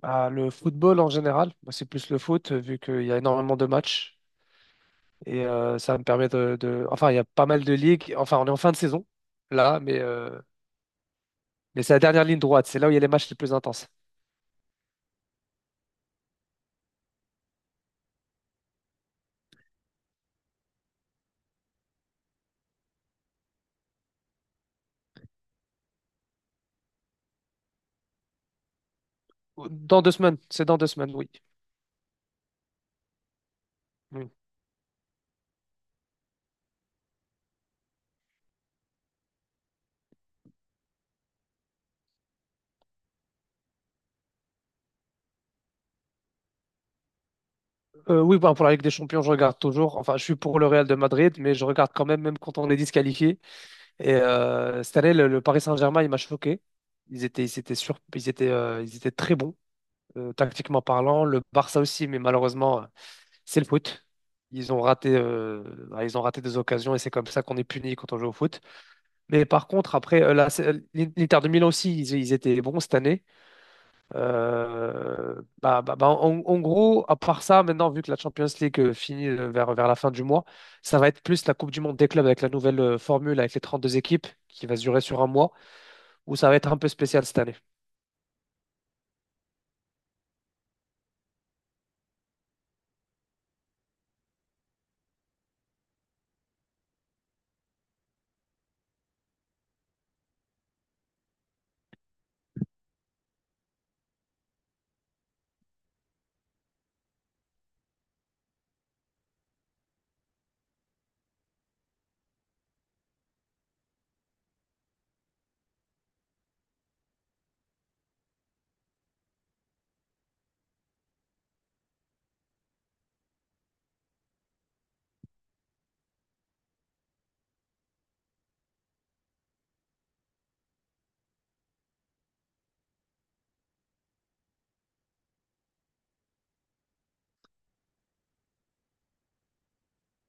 Bah, le football en général, moi c'est plus le foot vu qu'il y a énormément de matchs et ça me permet Enfin, il y a pas mal de ligues. Enfin, on est en fin de saison là, mais c'est la dernière ligne droite. C'est là où il y a les matchs les plus intenses. Dans 2 semaines, c'est dans 2 semaines, oui. Oui, oui, bah, pour la Ligue des Champions, je regarde toujours. Enfin, je suis pour le Real de Madrid, mais je regarde quand même, même quand on est disqualifié. Et cette année, le Paris Saint-Germain, il m'a choqué. Ils étaient très bons, tactiquement parlant. Le Barça aussi, mais malheureusement, c'est le foot. Ils ont raté, euh, ils ont raté des occasions et c'est comme ça qu'on est puni quand on joue au foot. Mais par contre, après, l'Inter de Milan aussi, ils étaient bons cette année. Euh, bah, en gros, à part ça, maintenant, vu que la Champions League finit vers la fin du mois, ça va être plus la Coupe du Monde des clubs avec la nouvelle formule, avec les 32 équipes qui va se durer sur un mois, où ça va être un peu spécial cette année.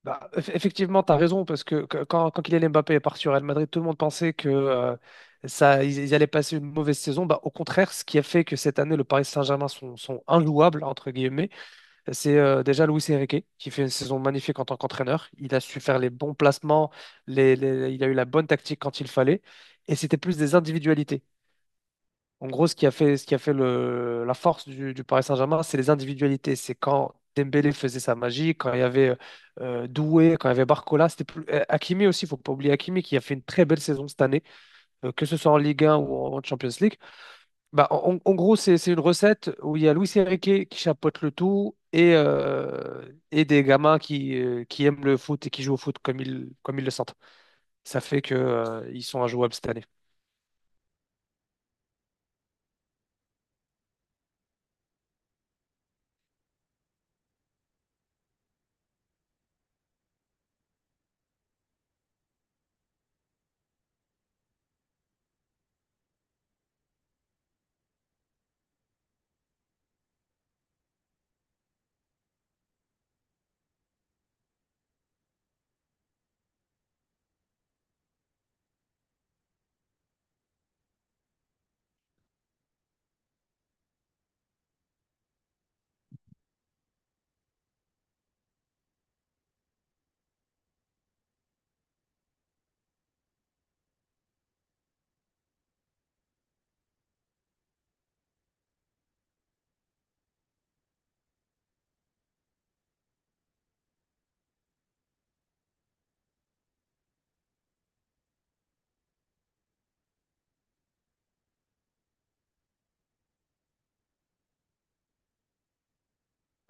Bah, effectivement, tu as raison, parce quand Kylian Mbappé est parti au Real Madrid, tout le monde pensait que ils allaient passer une mauvaise saison. Bah, au contraire, ce qui a fait que cette année, le Paris Saint-Germain sont injouables, entre guillemets, c'est déjà Luis Enrique, qui fait une saison magnifique en tant qu'entraîneur. Il a su faire les bons placements, il a eu la bonne tactique quand il fallait, et c'était plus des individualités. En gros, ce qui a fait la force du Paris Saint-Germain, c'est les individualités. C'est quand Dembélé faisait sa magie, quand il y avait Doué, quand il y avait Barcola. Hakimi aussi, il ne faut pas oublier Hakimi qui a fait une très belle saison cette année, que ce soit en Ligue 1 ou en Champions League. Bah, en gros, c'est une recette où il y a Luis Enrique qui chapeaute le tout et des gamins qui aiment le foot et qui jouent au foot comme ils le sentent. Ça fait que, ils sont injouables cette année.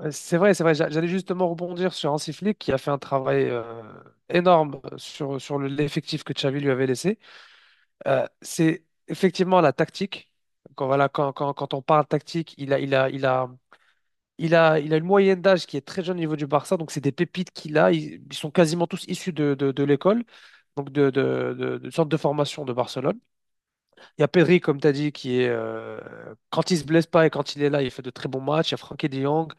C'est vrai, c'est vrai. J'allais justement rebondir sur Hansi Flick qui a fait un travail énorme sur l'effectif que Xavi lui avait laissé. C'est effectivement la tactique. Quand, voilà, quand, quand, quand on parle tactique, il a une moyenne d'âge qui est très jeune au niveau du Barça, donc c'est des pépites qu'il a. Ils sont quasiment tous issus de l'école. Donc d'une sorte de formation de Barcelone. Il y a Pedri, comme tu as dit, qui est, quand il se blesse pas et quand il est là, il fait de très bons matchs. Il y a Frankie de Jong.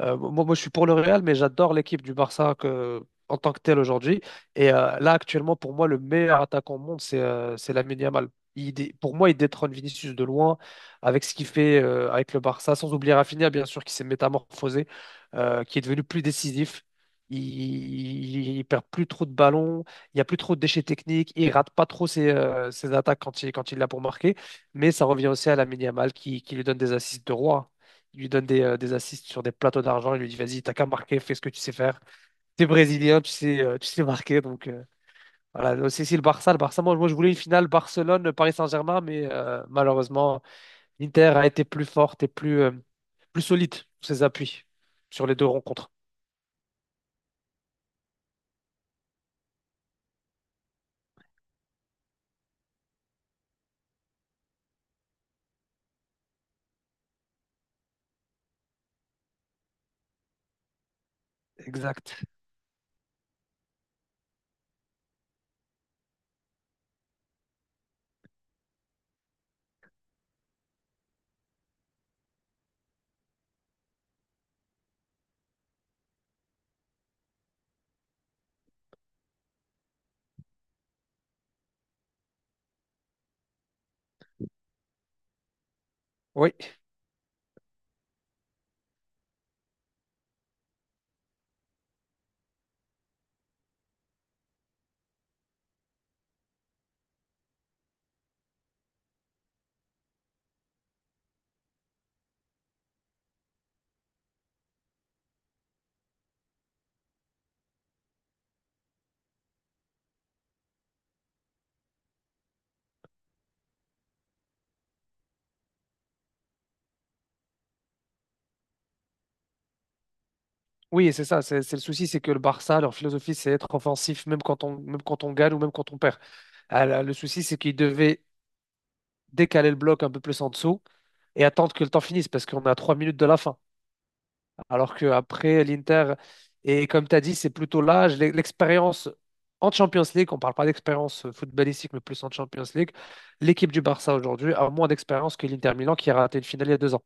Moi, je suis pour le Real, mais j'adore l'équipe du Barça que, en tant que telle aujourd'hui. Et là, actuellement, pour moi, le meilleur attaquant au monde, c'est Lamine Yamal. Pour moi, il détrône Vinicius de loin avec ce qu'il fait avec le Barça, sans oublier Rafinha, bien sûr, qui s'est métamorphosé, qui est devenu plus décisif. Il perd plus trop de ballons. Il n'y a plus trop de déchets techniques. Il rate pas trop ses attaques quand il l'a pour marquer. Mais ça revient aussi à la Yamal qui lui donne des assists de roi. Il lui donne des assists sur des plateaux d'argent. Il lui dit, vas-y, t'as qu'à marquer, fais ce que tu sais faire. T'es brésilien, tu sais marquer. Donc voilà, aussi si le Barça, moi, je voulais une finale Barcelone-Paris Saint-Germain, mais malheureusement, l'Inter a été plus forte et plus solide sur ses appuis sur les deux rencontres. Exact. Oui. Oui, c'est ça, c'est le souci, c'est que le Barça, leur philosophie, c'est être offensif, même quand on gagne ou même quand on perd. Ah, là, le souci, c'est qu'ils devaient décaler le bloc un peu plus en dessous et attendre que le temps finisse, parce qu'on est à 3 minutes de la fin. Alors qu'après, l'Inter, et comme tu as dit, c'est plutôt l'âge, l'expérience en Champions League, on ne parle pas d'expérience footballistique, mais plus en Champions League. L'équipe du Barça aujourd'hui a moins d'expérience que l'Inter Milan qui a raté une finale il y a 2 ans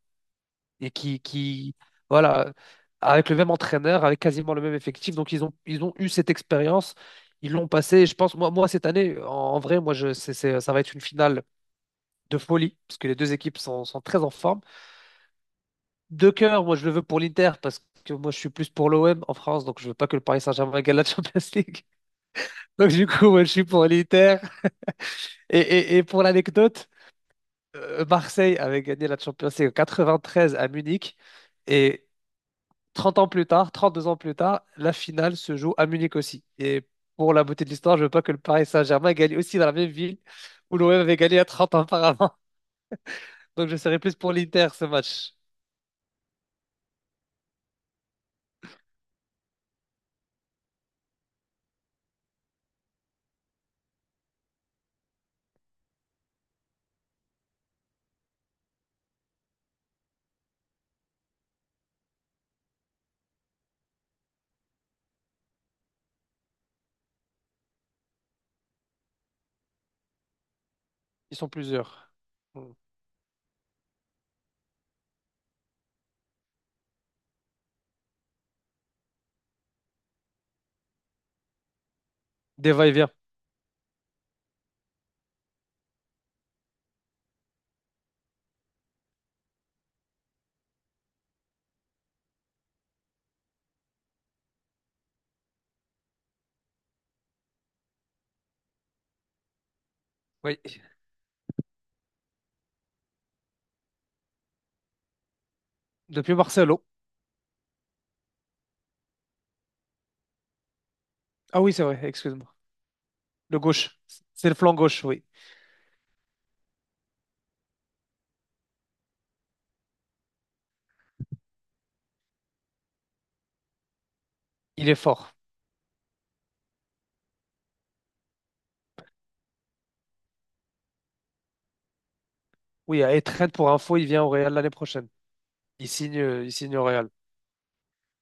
et voilà, avec le même entraîneur, avec quasiment le même effectif. Donc, ils ont eu cette expérience, ils l'ont passée. Et je pense, moi, cette année, en vrai, moi, je, c'est- ça va être une finale de folie, parce que les deux équipes sont très en forme. De cœur, moi, je le veux pour l'Inter, parce que moi, je suis plus pour l'OM en France, donc je veux pas que le Paris Saint-Germain gagne la Champions League. Donc, du coup, moi, je suis pour l'Inter. Et, pour l'anecdote, Marseille avait gagné la Champions League en 93 à Munich. Et trente ans plus tard, 32 ans plus tard, la finale se joue à Munich aussi. Et pour la beauté de l'histoire, je veux pas que le Paris Saint-Germain gagne aussi dans la même ville où l'OM avait gagné à trente ans auparavant. Donc je serai plus pour l'Inter ce match. Ils sont plusieurs. Mm. Des va-et-vient. Oui. Depuis Marcelo. Ah oui, c'est vrai, excuse-moi. Le gauche. C'est le flanc gauche, oui. Il est fort. Oui, et Trent pour info, il vient au Real l'année prochaine. Il signe au Real.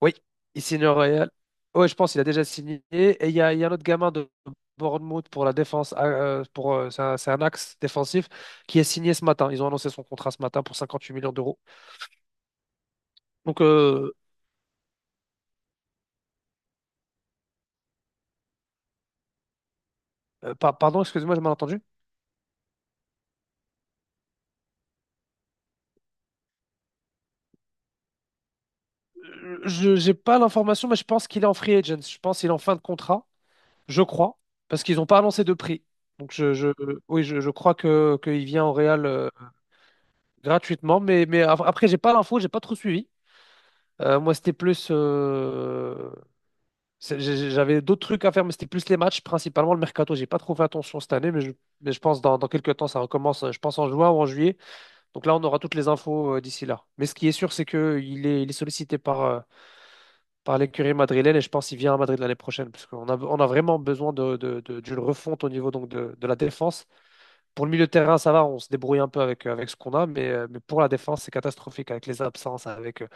Oui, il signe au Real. Ouais, je pense qu'il a déjà signé. Et il y a un autre gamin de Bournemouth pour la défense, c'est un axe défensif qui est signé ce matin. Ils ont annoncé son contrat ce matin pour 58 millions d'euros. Donc, euh, pardon, excusez-moi, j'ai mal entendu. Je n'ai pas l'information, mais je pense qu'il est en free agent. Je pense qu'il est en fin de contrat, je crois, parce qu'ils n'ont pas annoncé de prix. Donc, oui, je crois que qu'il vient au Real gratuitement, mais, après, j'ai pas l'info, j'ai pas trop suivi. Moi, c'était plus. C'est- j'ai- j'avais d'autres trucs à faire, mais c'était plus les matchs, principalement le mercato. J'ai pas trop fait attention cette année, mais je pense dans quelques temps, ça recommence, je pense en juin ou en juillet. Donc là, on aura toutes les infos d'ici là. Mais ce qui est sûr, c'est qu'il est sollicité par l'écurie madrilène et je pense qu'il vient à Madrid l'année prochaine parce qu'on a vraiment besoin d'une refonte au niveau donc de la défense. Pour le milieu de terrain, ça va, on se débrouille un peu avec ce qu'on a, mais pour la défense, c'est catastrophique avec les absences, avec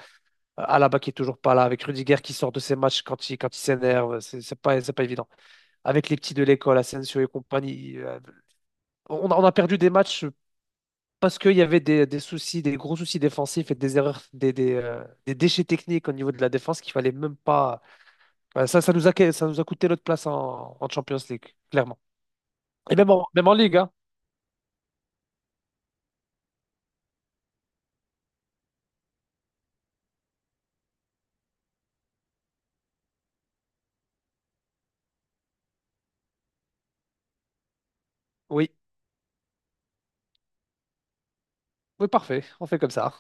Alaba qui est toujours pas là, avec Rudiger qui sort de ses matchs quand il s'énerve, c'est pas, c'est pas évident. Avec les petits de l'école, Asensio et compagnie, on a perdu des matchs. Parce qu'il y avait des soucis, des gros soucis défensifs et des erreurs, des déchets techniques au niveau de la défense qu'il fallait même pas, Ouais, ça nous a coûté notre place en Champions League, clairement. Et même en Ligue, hein. Oui, oui, parfait, on fait comme ça.